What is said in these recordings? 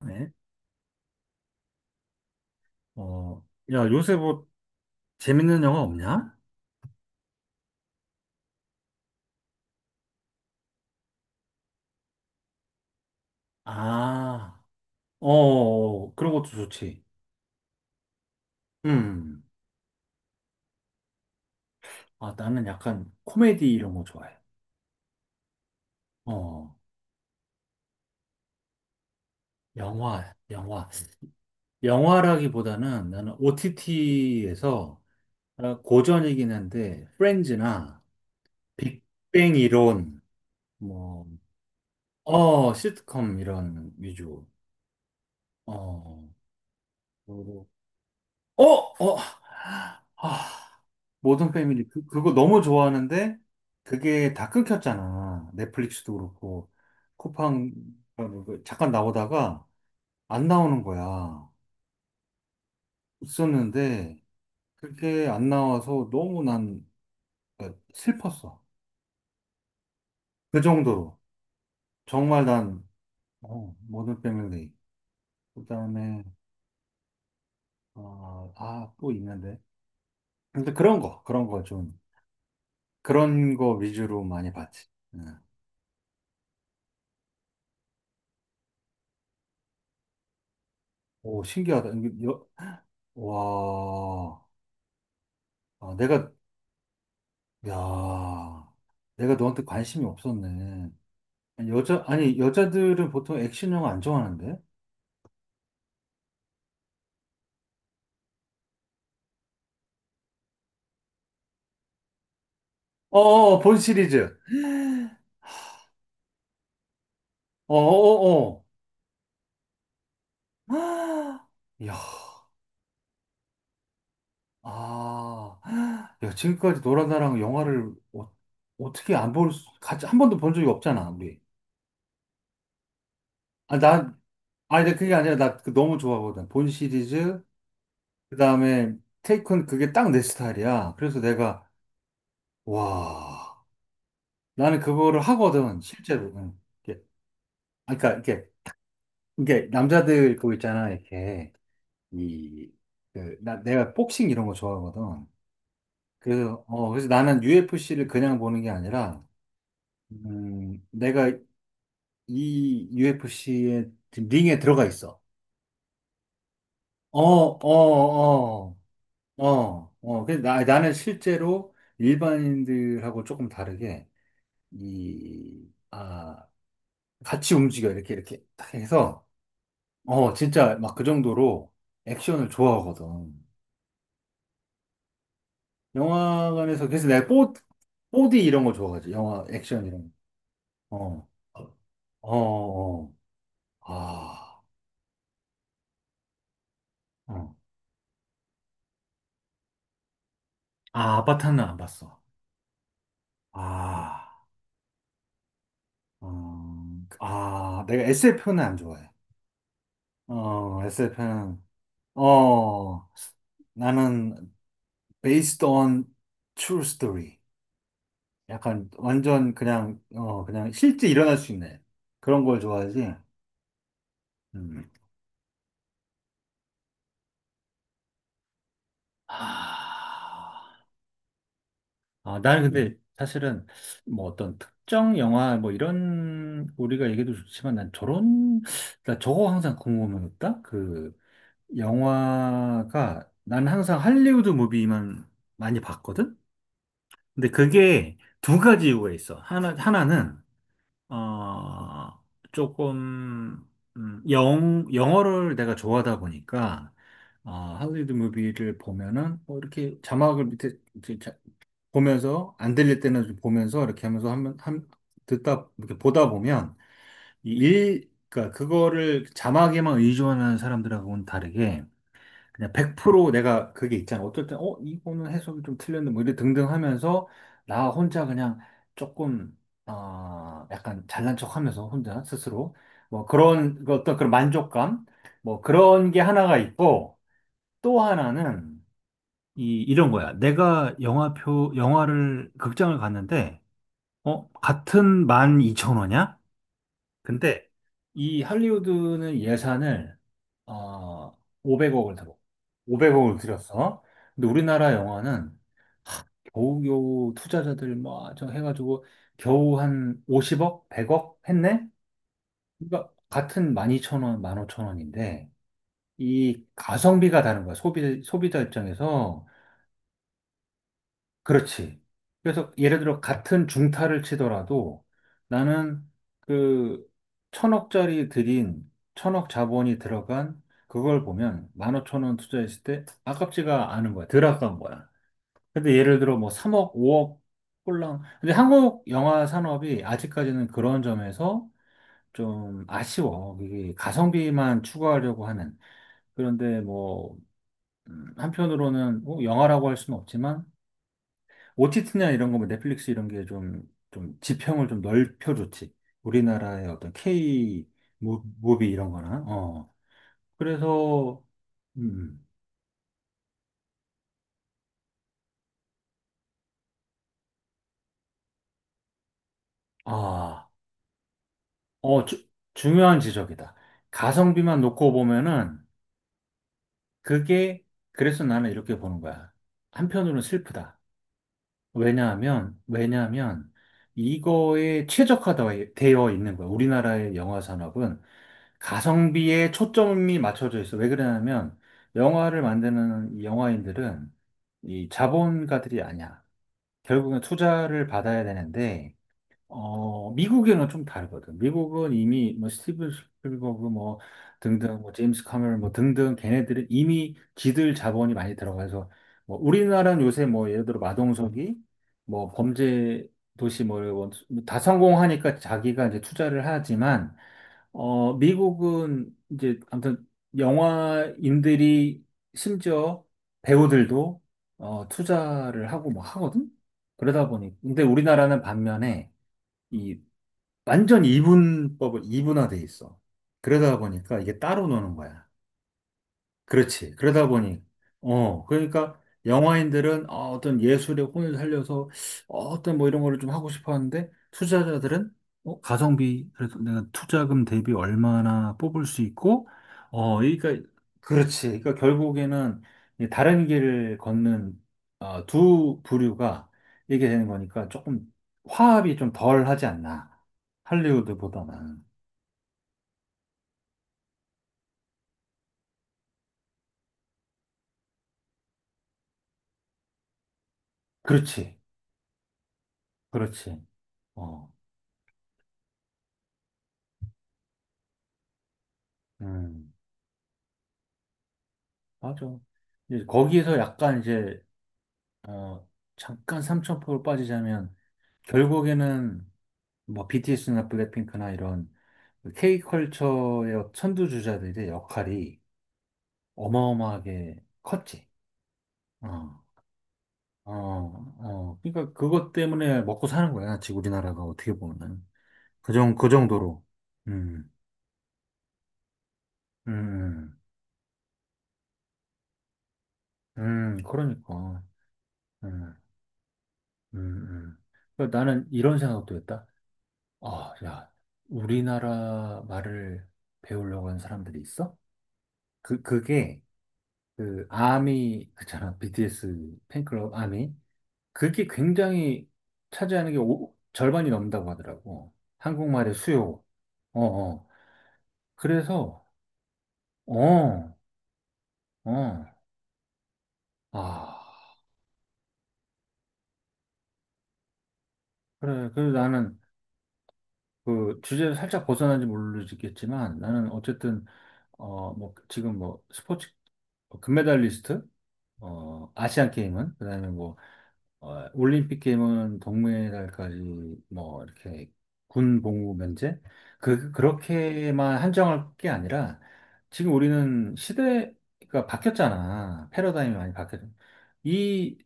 네. 어, 야, 요새 뭐 재밌는 영화 없냐? 아, 어, 그런 것도 좋지. 음, 아, 나는 약간 코미디 이런 거 좋아해. 어, 영화. 영화라기보다는 나는 OTT에서 고전이긴 한데, 프렌즈나 빅뱅 이론, 뭐, 어, 시트콤 이런 위주. 어, 어, 어, 아, 모든 패밀리 그거 너무 좋아하는데 그게 다 끊겼잖아. 넷플릭스도 그렇고 쿠팡 어, 뭐그 잠깐 나오다가 안 나오는 거야. 있었는데 그게 안 나와서 너무 난 그러니까 슬펐어. 그 정도로 정말 난 어, 모든 패밀리 그다음에 어, 아, 또 있는데 근데 그런 거 위주로 많이 봤지. 응. 오, 신기하다. 와, 아, 내가, 야, 내가 너한테 관심이 없었네. 아니, 아니, 여자들은 보통 액션 영화 안 좋아하는데? 어어, 본 시리즈. 어 어어. 야, 아, 야, 지금까지 너랑 나랑 영화를 어, 어떻게 안 볼, 같이 한 번도 본 적이 없잖아, 우리. 아, 나, 아니, 나 그게 아니라 나 그 너무 좋아하거든. 본 시리즈, 그 다음에 테이큰 그게 딱 내 스타일이야. 그래서 내가, 와. 나는 그거를 하거든, 실제로. 응. 이게, 아, 그러니까 이게 남자들 그거 있잖아, 이렇게 이 그 나 내가 복싱 이런 거 좋아하거든. 그래서 나는 UFC를 그냥 보는 게 아니라, 내가 이 UFC의 링에 들어가 있어. 어, 어, 어, 어, 어. 그래서 나 나는 실제로 일반인들하고 조금 다르게 이 아 같이 움직여 이렇게 이렇게 딱 해서. 어, 진짜 막 그 정도로 액션을 좋아하거든. 영화관에서, 그래서 내가 4, 4D 이런 거 좋아하지. 영화, 액션 이런 거. 어, 어, 어. 아, 어. 아, 아바타는 안 봤어. 아, 어, 그, 아, 내가 SF는 안 좋아해. 어, 어, 나는 based on true story. 약간 완전 그냥, 어, 그냥 실제 일어날 수 있는 그런 걸 좋아하지. 음. 아, 아, 나는 근데 사실은 뭐 어떤 특정 영화 뭐 이런 우리가 얘기도 좋지만 난 저런, 나 저거 항상 궁금했다? 그 영화가 난 항상 할리우드 무비만 많이 봤거든? 근데 그게 두 가지 이유가 있어. 하나는, 어, 조금, 영어를 내가 좋아하다 보니까 아, 할리우드 무비를 보면은 뭐 이렇게 자막을 밑에 보면서 안 들릴 때는 좀 보면서 이렇게 하면서 한번 한 듣다 이렇게 보다 보면 이 일, 그러니까 그거를 자막에만 의존하는 사람들하고는 다르게 그냥 100% 내가 그게 있잖아. 어떨 때 어, 이거는 해석이 좀 틀렸는데 뭐 이래 등등 하면서 나 혼자 그냥 조금 아, 약간 잘난 척 하면서 혼자 스스로 뭐 그런 그 어떤 그런 만족감 뭐 그런 게 하나가 있고 또 하나는 이런 거야. 내가 극장을 갔는데, 어, 같은 12,000원이야? 근데 이 할리우드는 예산을, 어, 500억을 들어. 500억을 들였어. 근데 우리나라 영화는 하, 겨우겨우 투자자들 뭐, 저 해가지고 겨우 한 50억? 100억 했네? 그러니까 같은 12,000원, 15,000원인데, 이 가성비가 다른 거야. 소비자 입장에서. 그렇지. 그래서 예를 들어 같은 중타를 치더라도 나는 그 1,000억짜리 들인 1,000억 자본이 들어간 그걸 보면 15,000원 투자했을 때 아깝지가 않은 거야. 덜 아까운 거야. 근데 예를 들어 뭐 3억, 5억 꼴랑. 근데 한국 영화 산업이 아직까지는 그런 점에서 좀 아쉬워. 이게 가성비만 추구하려고 하는. 그런데 뭐 한편으로는 뭐 영화라고 할 수는 없지만 OTT나 이런 거뭐 넷플릭스 이런 게 좀 지평을 좀 넓혀줬지. 우리나라의 어떤 K 무비 이런 거나. 어. 그래서, 음, 아, 어, 중요한 지적이다. 가성비만 놓고 보면은 그게, 그래서 나는 이렇게 보는 거야. 한편으로는 슬프다. 왜냐하면, 이거에 최적화되어 있는 거야. 우리나라의 영화 산업은 가성비에 초점이 맞춰져 있어. 왜 그러냐면, 영화를 만드는 이 영화인들은 이 자본가들이 아니야. 결국엔 투자를 받아야 되는데, 어, 미국이랑 좀 다르거든. 미국은 이미 뭐 스티븐 스필버그 뭐 등등 뭐 제임스 카메론 뭐 등등 걔네들은 이미 지들 자본이 많이 들어가서 뭐 우리나라는 요새 뭐 예를 들어 마동석이 뭐 범죄 도시 뭐다 성공하니까 자기가 이제 투자를 하지만 어, 미국은 이제 아무튼 영화인들이 심지어 배우들도 어, 투자를 하고 뭐 하거든. 그러다 보니 근데 우리나라는 반면에 이 완전 이분법을 이분화돼 있어. 그러다 보니까 이게 따로 노는 거야. 그렇지. 그러다 보니, 어, 그러니까 영화인들은 어, 어떤 예술의 혼을 살려서 어, 떤뭐 이런 거를 좀 하고 싶어 하는데 투자자들은 어, 가성비, 그래서 내가 투자금 대비 얼마나 뽑을 수 있고, 어, 그러니까, 그렇지. 그러니까 결국에는 이 다른 길을 걷는 어, 두 부류가 이게 되는 거니까 조금 화합이 좀 덜 하지 않나. 할리우드보다는. 그렇지. 그렇지. 어, 음. 맞아. 이제 거기에서 약간 이제, 어, 잠깐 삼천포로 빠지자면, 결국에는 뭐 BTS나 블랙핑크나 이런 K컬처의 선두주자들의 역할이 어마어마하게 컸지. 어, 어, 어. 그러니까 그것 때문에 먹고 사는 거야. 지금 우리나라가 어떻게 보면. 그 정도로. 음, 음, 그러니까. 음, 음, 음. 그러니까 나는 이런 생각도 했다. 아, 야, 우리나라 말을 배우려고 하는 사람들이 있어? 그, 그게, 아미, 그잖아, BTS 팬클럽 아미. 그게 굉장히 차지하는 게 절반이 넘는다고 하더라고. 한국말의 수요. 어, 어. 그래서, 어, 어. 아, 그래. 그래서 나는 그 주제를 살짝 벗어난지 모르겠지만, 나는 어쨌든, 어, 뭐, 지금 뭐, 스포츠 뭐 금메달리스트, 어, 아시안 게임은, 그다음에 뭐 어, 올림픽 게임은 동메달까지 뭐 이렇게 군 복무 면제 그렇게만 한정할 게 아니라 지금 우리는 시대가 바뀌었잖아. 패러다임이 많이 바뀌었. 이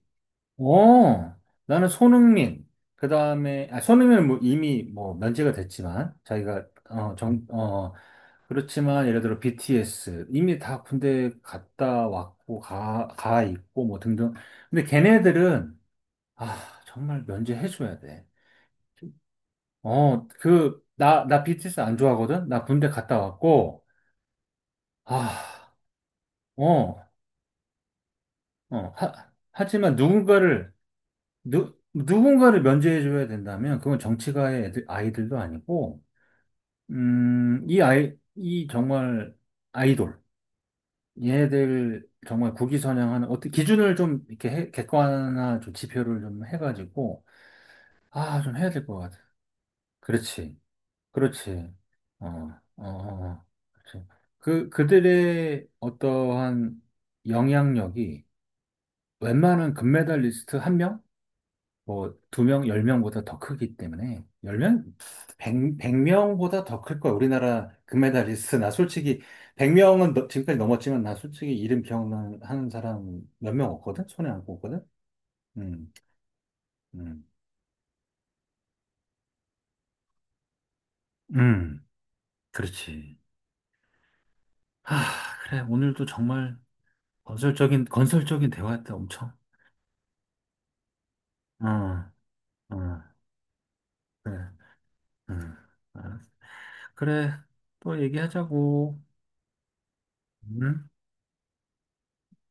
어, 나는 손흥민 그다음에 아 손흥민은 뭐 이미 뭐 면제가 됐지만 자기가 어, 정, 어 그렇지만 예를 들어 BTS 이미 다 군대 갔다 왔고 가 있고 뭐 등등. 근데 걔네들은 아, 정말 면제해줘야 돼. 어, 그, 나, 나 BTS 안 좋아하거든? 나 군대 갔다 왔고, 아, 어, 어, 하, 하지만 누군가를, 누군가를 면제해줘야 된다면, 그건 정치가의 애들, 아이들도 아니고, 이 정말 아이돌, 얘들 정말 국위선양하는, 어떻게 기준을 좀 이렇게 객관화 좀 지표를 좀 해가지고, 아, 좀 해야 될 것 같아. 그렇지. 그렇지. 어, 어, 어, 어. 그렇지. 그들의 어떠한 영향력이 웬만한 금메달리스트 한 명? 뭐, 두 명, 열 명보다 더 크기 때문에, 10명? 백 명보다 더 클 거야. 우리나라 금메달리스트. 나 솔직히, 백 명은 지금까지 넘었지만, 나 솔직히 이름 기억나는 사람 몇 명 없거든? 손에 안 꼽거든? 음, 음, 음, 그렇지. 아, 그래. 오늘도 정말 건설적인 대화였다, 엄청. 아, 아, 그래, 음, 알았어. 그래, 또 얘기하자고. 응?